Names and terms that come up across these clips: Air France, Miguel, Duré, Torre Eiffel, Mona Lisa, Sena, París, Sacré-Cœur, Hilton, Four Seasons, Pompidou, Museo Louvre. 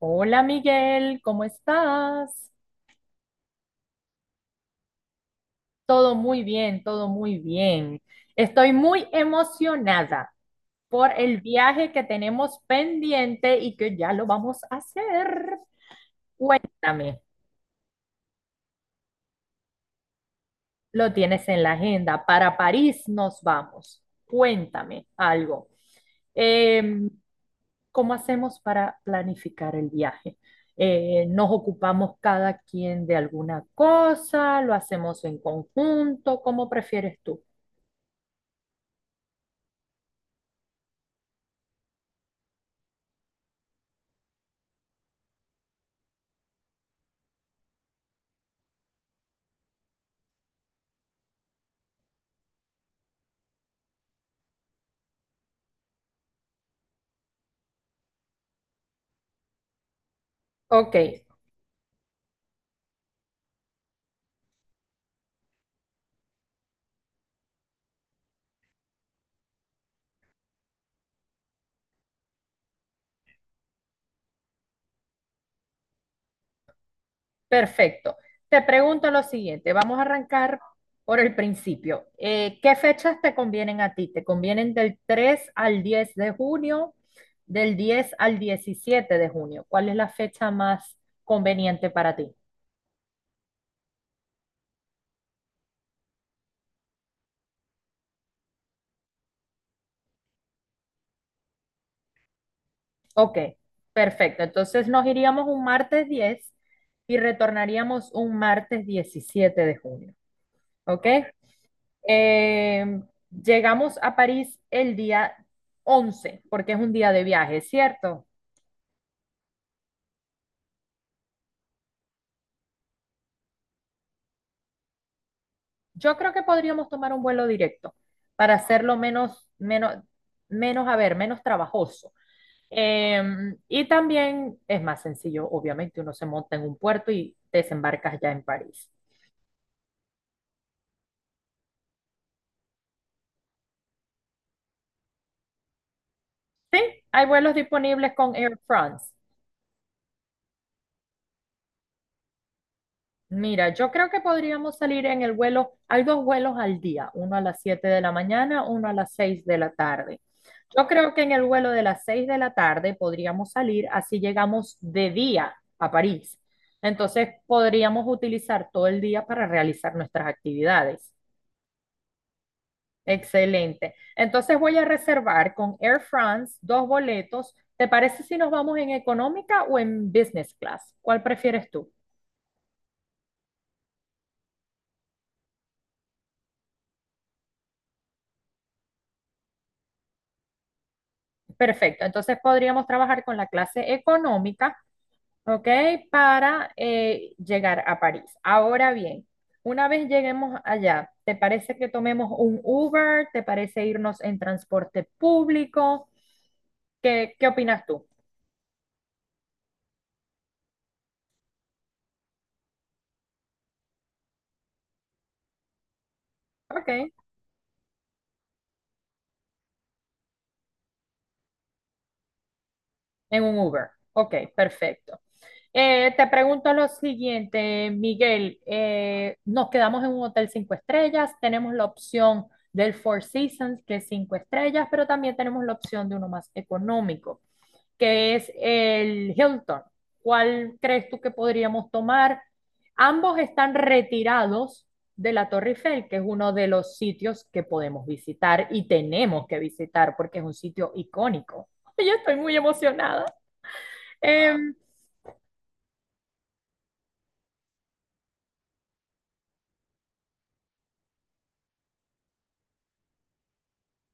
Hola Miguel, ¿cómo estás? Todo muy bien, todo muy bien. Estoy muy emocionada por el viaje que tenemos pendiente y que ya lo vamos a hacer. Cuéntame, lo tienes en la agenda. Para París nos vamos. Cuéntame algo. Em, ¿Cómo hacemos para planificar el viaje? ¿Nos ocupamos cada quien de alguna cosa? ¿Lo hacemos en conjunto? ¿Cómo prefieres tú? Ok, perfecto. Te pregunto lo siguiente, vamos a arrancar por el principio. ¿Qué fechas te convienen a ti? ¿Te convienen del 3 al 10 de junio, del 10 al 17 de junio? ¿Cuál es la fecha más conveniente para ti? Ok, perfecto. Entonces nos iríamos un martes 10 y retornaríamos un martes 17 de junio. ¿Ok? Eh, llegamos a París el día 11, porque es un día de viaje, ¿cierto? Yo creo que podríamos tomar un vuelo directo para hacerlo menos trabajoso. Eh, y también es más sencillo, obviamente, uno se monta en un puerto y desembarcas ya en París. Sí, hay vuelos disponibles con Air France. Mira, yo creo que podríamos salir en el vuelo, hay dos vuelos al día, uno a las 7 de la mañana, uno a las 6 de la tarde. Yo creo que en el vuelo de las 6 de la tarde podríamos salir, así llegamos de día a París. Entonces podríamos utilizar todo el día para realizar nuestras actividades. Excelente. Entonces voy a reservar con Air France dos boletos. ¿Te parece si nos vamos en económica o en business class? ¿Cuál prefieres tú? Perfecto. Entonces podríamos trabajar con la clase económica, ¿ok? Para llegar a París. Ahora bien, una vez lleguemos allá, ¿te parece que tomemos un Uber? ¿Te parece irnos en transporte público? ¿Qué opinas tú? Ok, en un Uber. Ok, perfecto. Te pregunto lo siguiente, Miguel. Nos quedamos en un hotel cinco estrellas, tenemos la opción del Four Seasons, que es cinco estrellas, pero también tenemos la opción de uno más económico, que es el Hilton. ¿Cuál crees tú que podríamos tomar? Ambos están retirados de la Torre Eiffel, que es uno de los sitios que podemos visitar y tenemos que visitar porque es un sitio icónico. Yo estoy muy emocionada. Eh,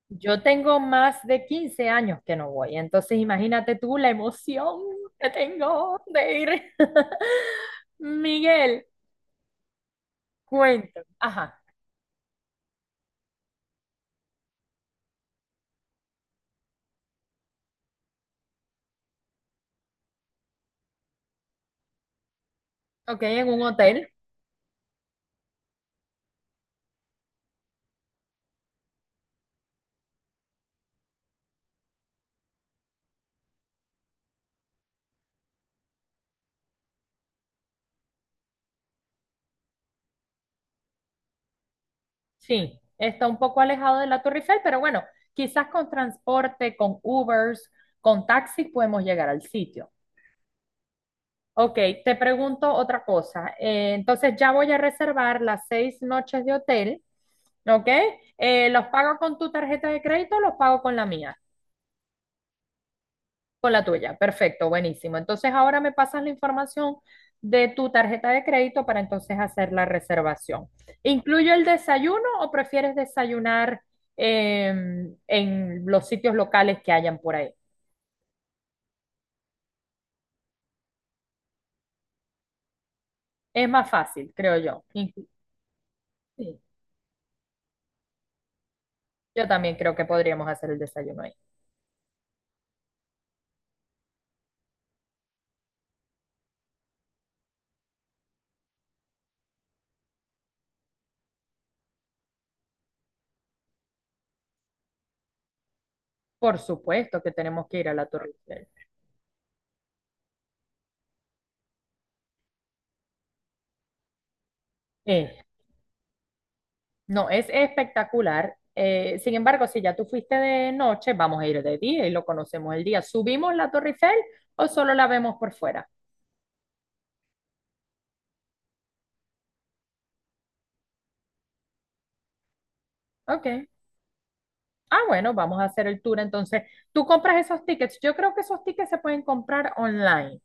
yo tengo más de 15 años que no voy, entonces imagínate tú la emoción que tengo de ir. Miguel, cuéntame. Ajá, ok, en un hotel. Sí, está un poco alejado de la Torre Eiffel, pero bueno, quizás con transporte, con Ubers, con taxis podemos llegar al sitio. Ok, te pregunto otra cosa. Entonces ya voy a reservar las 6 noches de hotel, ¿ok? ¿Los pago con tu tarjeta de crédito o los pago con la mía? Con la tuya, perfecto, buenísimo. Entonces ahora me pasas la información de tu tarjeta de crédito para entonces hacer la reservación. ¿Incluyo el desayuno o prefieres desayunar en los sitios locales que hayan por ahí? Es más fácil, creo yo. Sí, yo también creo que podríamos hacer el desayuno ahí. Por supuesto que tenemos que ir a la Torre Eiffel. Eh, No, es espectacular. Sin embargo, si ya tú fuiste de noche, vamos a ir de día y lo conocemos el día. ¿Subimos la Torre Eiffel o solo la vemos por fuera? Ok. Ah, bueno, vamos a hacer el tour. Entonces, tú compras esos tickets. Yo creo que esos tickets se pueden comprar online.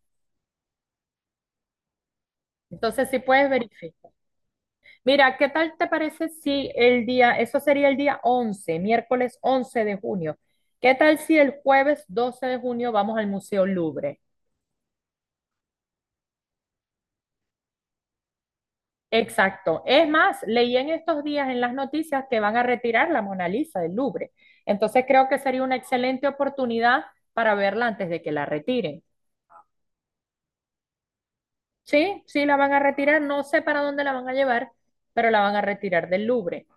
Entonces, si puedes verificar. Mira, ¿qué tal te parece si el día, eso sería el día 11, miércoles 11 de junio? ¿Qué tal si el jueves 12 de junio vamos al Museo Louvre? Exacto. Es más, leí en estos días en las noticias que van a retirar la Mona Lisa del Louvre. Entonces creo que sería una excelente oportunidad para verla antes de que la retiren. Sí, sí, la van a retirar. No sé para dónde la van a llevar, pero la van a retirar del Louvre.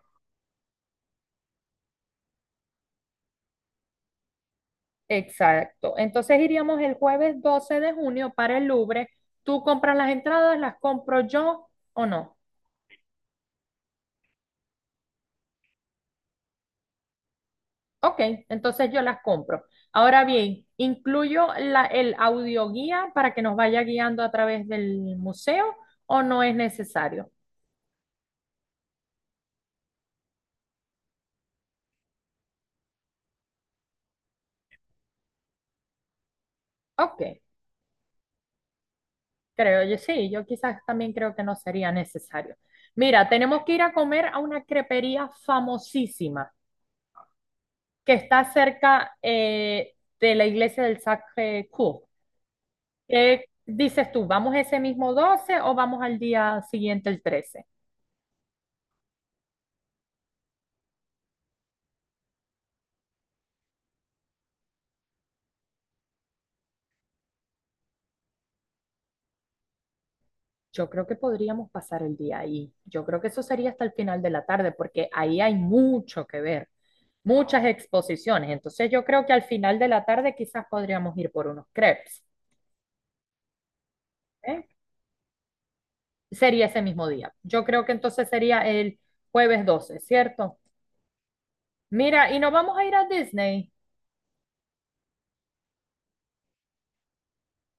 Exacto. Entonces iríamos el jueves 12 de junio para el Louvre. ¿Tú compras las entradas? ¿Las compro yo o no? Ok, entonces yo las compro. Ahora bien, ¿incluyo la, el audioguía para que nos vaya guiando a través del museo o no es necesario? Ok, creo yo sí, yo quizás también creo que no sería necesario. Mira, tenemos que ir a comer a una crepería famosísima que está cerca de la iglesia del Sacré-Cœur. ¿Qué dices tú? ¿Vamos ese mismo 12 o vamos al día siguiente el 13? Yo creo que podríamos pasar el día ahí. Yo creo que eso sería hasta el final de la tarde, porque ahí hay mucho que ver, muchas exposiciones. Entonces yo creo que al final de la tarde quizás podríamos ir por unos crepes, ¿eh? Sería ese mismo día. Yo creo que entonces sería el jueves 12, ¿cierto? Mira, y nos vamos a ir a Disney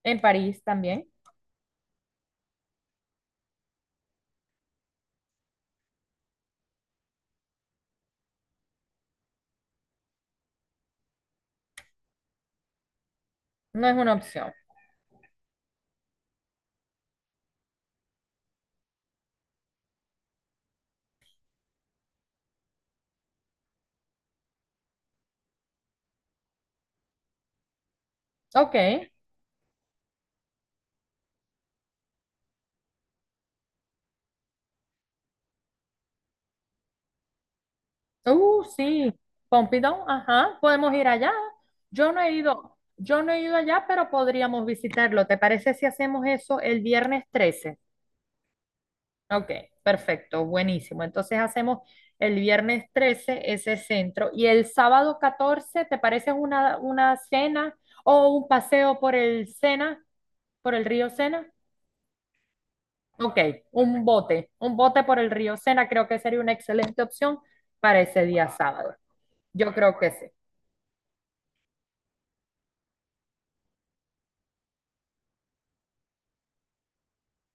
en París también. No es una opción. Ok. Sí, Pompidou, ajá, podemos ir allá. Yo no he ido allá, pero podríamos visitarlo. ¿Te parece si hacemos eso el viernes 13? Ok, perfecto, buenísimo. Entonces hacemos el viernes 13 ese centro y el sábado 14, ¿te parece una cena o un paseo por el Sena, por el río Sena? Ok, un bote por el río Sena creo que sería una excelente opción para ese día sábado. Yo creo que sí.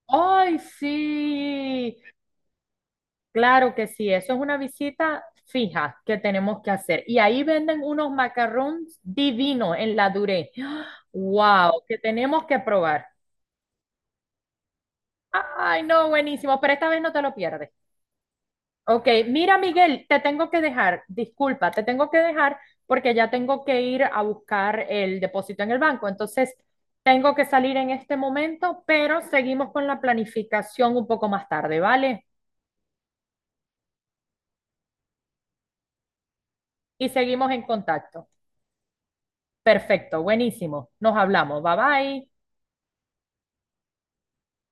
Ay, sí, claro que sí, eso es una visita fija que tenemos que hacer. Y ahí venden unos macarrones divinos en la Duré. Wow, que tenemos que probar. Ay, no, buenísimo, pero esta vez no te lo pierdes. Ok, mira, Miguel, te tengo que dejar, disculpa, te tengo que dejar porque ya tengo que ir a buscar el depósito en el banco. Entonces, tengo que salir en este momento, pero seguimos con la planificación un poco más tarde, ¿vale? Y seguimos en contacto. Perfecto, buenísimo. Nos hablamos. Bye bye.